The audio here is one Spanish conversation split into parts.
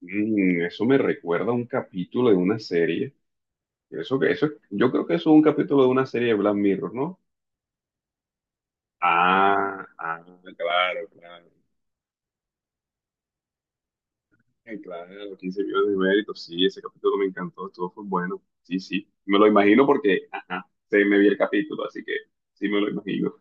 Eso me recuerda a un capítulo de una serie. Yo creo que eso es un capítulo de una serie de Black Mirror, ¿no? Ah, ah, claro, claro. Claro, 15 millones de méritos. Sí, ese capítulo me encantó, estuvo fue bueno. Sí, sí. Me lo imagino porque, ajá, se me vi el capítulo, así que sí me lo imagino.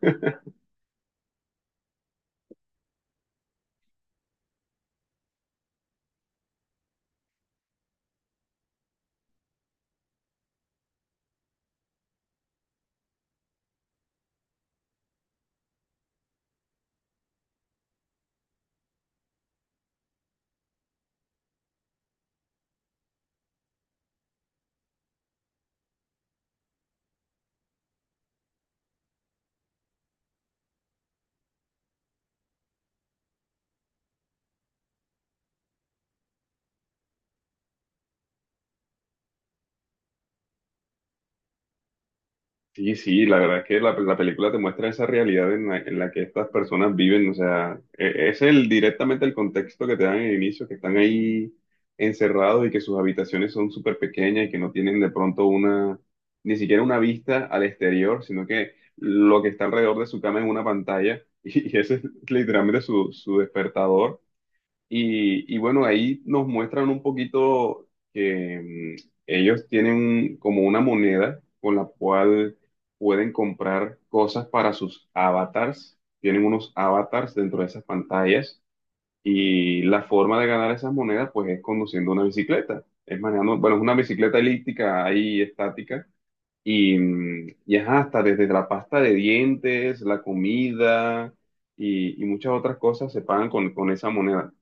Sí, sí, la verdad es que la película te muestra esa realidad en en la que estas personas viven, o sea, es el directamente el contexto que te dan en el inicio, que están ahí encerrados y que sus habitaciones son súper pequeñas y que no tienen de pronto ni siquiera una vista al exterior, sino que lo que está alrededor de su cama es una pantalla y ese es literalmente su despertador y bueno, ahí nos muestran un poquito que ellos tienen como una moneda con la cual pueden comprar cosas para sus avatars. Tienen unos avatars dentro de esas pantallas y la forma de ganar esas monedas pues es conduciendo una bicicleta. Es manejando, bueno, es una bicicleta elíptica ahí estática y, y ajá, hasta desde la pasta de dientes, la comida y muchas otras cosas se pagan con esa moneda.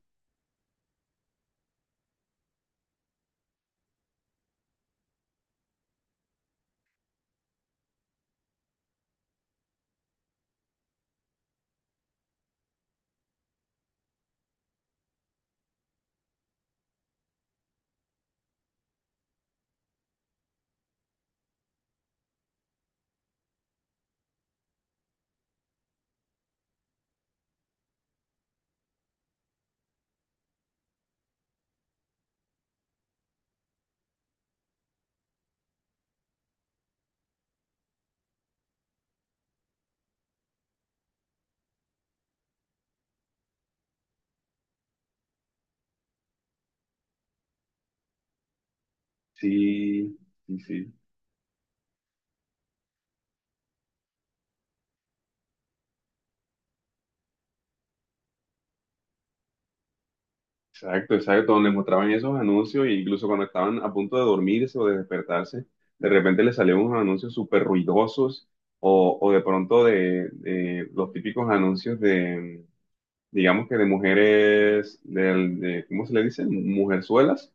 Sí, sí, sí. Exacto, exacto. Donde mostraban esos anuncios, e incluso cuando estaban a punto de dormirse o de despertarse, de repente les salían unos anuncios súper ruidosos, o de pronto de los típicos anuncios de, digamos que de mujeres, de, ¿cómo se le dice? Mujerzuelas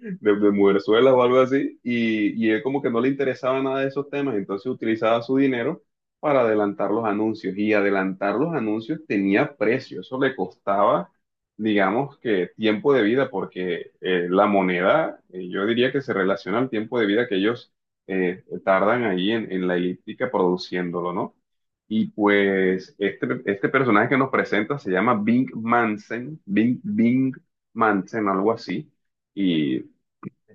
de mujerzuelas o algo así, y él como que no le interesaba nada de esos temas, entonces utilizaba su dinero para adelantar los anuncios, y adelantar los anuncios tenía precio, eso le costaba, digamos que tiempo de vida, porque la moneda, yo diría que se relaciona al tiempo de vida que ellos tardan ahí en la elíptica produciéndolo, ¿no? Y pues este personaje que nos presenta se llama Bing Mansen, Bing Mansen, algo así. Y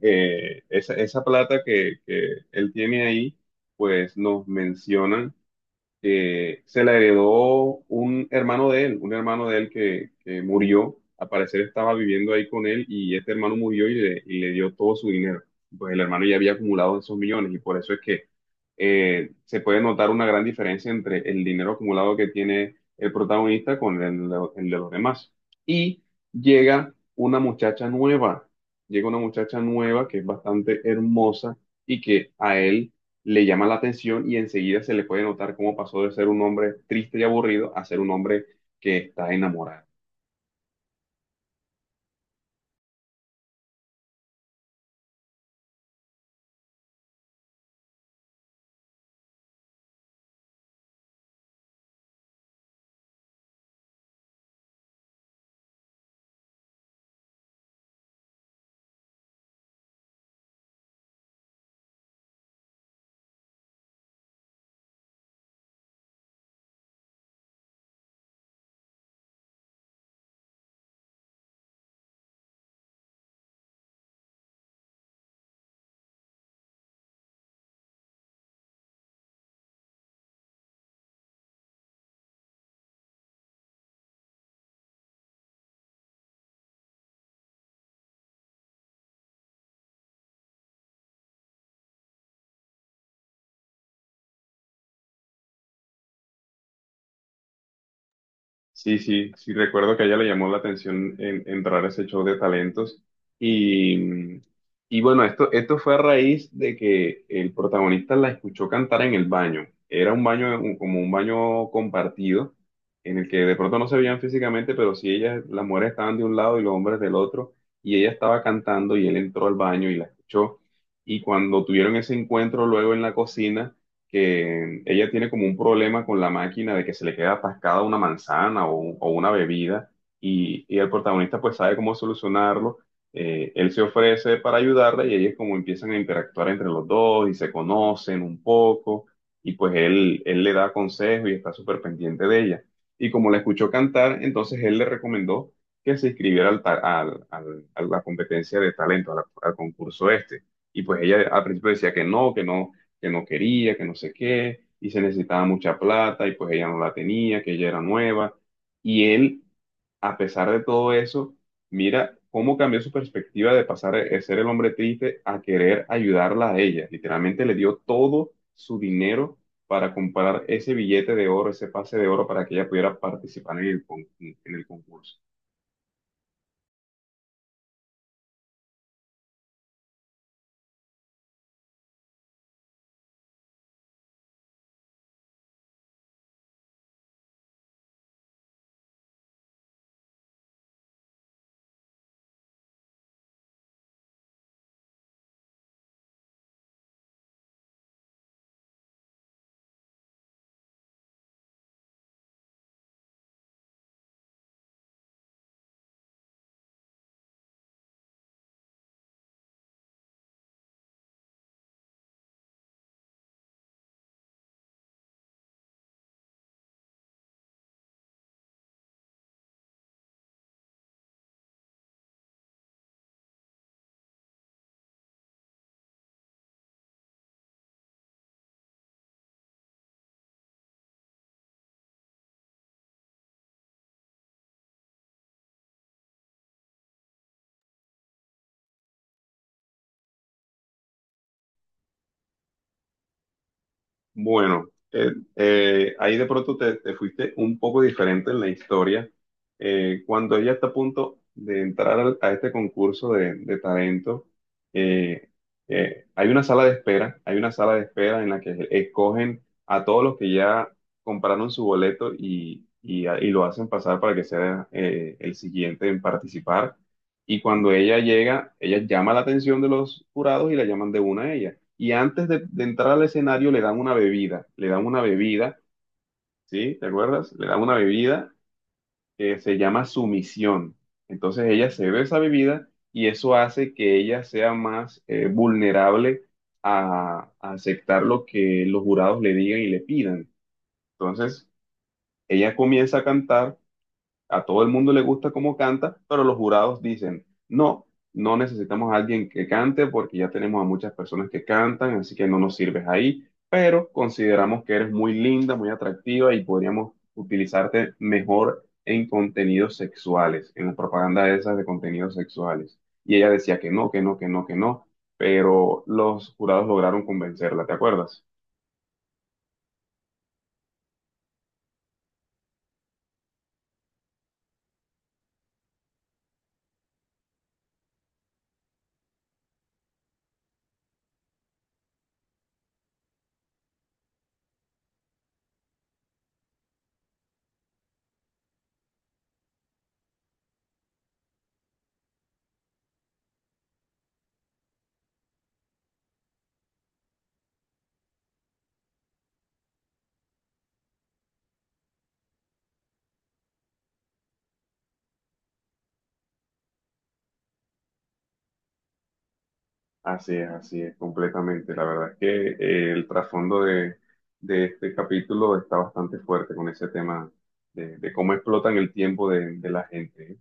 esa, esa plata que él tiene ahí, pues nos mencionan se la heredó un hermano de él, un hermano de él que murió, al parecer estaba viviendo ahí con él y este hermano murió y le dio todo su dinero. Pues el hermano ya había acumulado esos millones y por eso es que se puede notar una gran diferencia entre el dinero acumulado que tiene el protagonista con el, el de los demás. Y llega una muchacha nueva, llega una muchacha nueva que es bastante hermosa y que a él le llama la atención y enseguida se le puede notar cómo pasó de ser un hombre triste y aburrido a ser un hombre que está enamorado. Sí, sí, sí, recuerdo que a ella le llamó la atención entrar a ese show de talentos. Y, y bueno, esto fue a raíz de que el protagonista la escuchó cantar en el baño. Era un baño, como un baño compartido, en el que de pronto no se veían físicamente, pero sí ellas, las mujeres estaban de un lado y los hombres del otro. Y ella estaba cantando y él entró al baño y la escuchó. Y cuando tuvieron ese encuentro luego en la cocina, que ella tiene como un problema con la máquina de que se le queda atascada una manzana o, o una bebida y el protagonista pues sabe cómo solucionarlo. Él se ofrece para ayudarla y ellos como empiezan a interactuar entre los dos y se conocen un poco y pues él le da consejos y está súper pendiente de ella. Y como la escuchó cantar, entonces él le recomendó que se inscribiera al, ta- al- al- a la competencia de talento, al concurso este. Y pues ella al principio decía que no, que no quería, que no sé qué, y se necesitaba mucha plata y pues ella no la tenía, que ella era nueva. Y él, a pesar de todo eso, mira cómo cambió su perspectiva de pasar de ser el hombre triste a querer ayudarla a ella. Literalmente le dio todo su dinero para comprar ese billete de oro, ese pase de oro para que ella pudiera participar en el, en el concurso. Bueno, eh, ahí de pronto te, te fuiste un poco diferente en la historia. Cuando ella está a punto de entrar a este concurso de talento, eh, hay una sala de espera, hay una sala de espera en la que escogen a todos los que ya compraron su boleto y, y lo hacen pasar para que sea el siguiente en participar. Y cuando ella llega, ella llama la atención de los jurados y la llaman de una a ella y antes de entrar al escenario le dan una bebida, le dan una bebida, ¿sí? ¿Te acuerdas? Le dan una bebida que se llama sumisión. Entonces ella se bebe esa bebida y eso hace que ella sea más vulnerable a aceptar lo que los jurados le digan y le pidan. Entonces ella comienza a cantar a todo el mundo le gusta cómo canta, pero los jurados dicen, no, no necesitamos a alguien que cante porque ya tenemos a muchas personas que cantan, así que no nos sirves ahí, pero consideramos que eres muy linda, muy atractiva y podríamos utilizarte mejor en contenidos sexuales, en la propaganda esas de contenidos sexuales. Y ella decía que no, que no, que no, que no, pero los jurados lograron convencerla, ¿te acuerdas? Así es, completamente. La verdad es que el trasfondo de este capítulo está bastante fuerte con ese tema de cómo explotan el tiempo de la gente.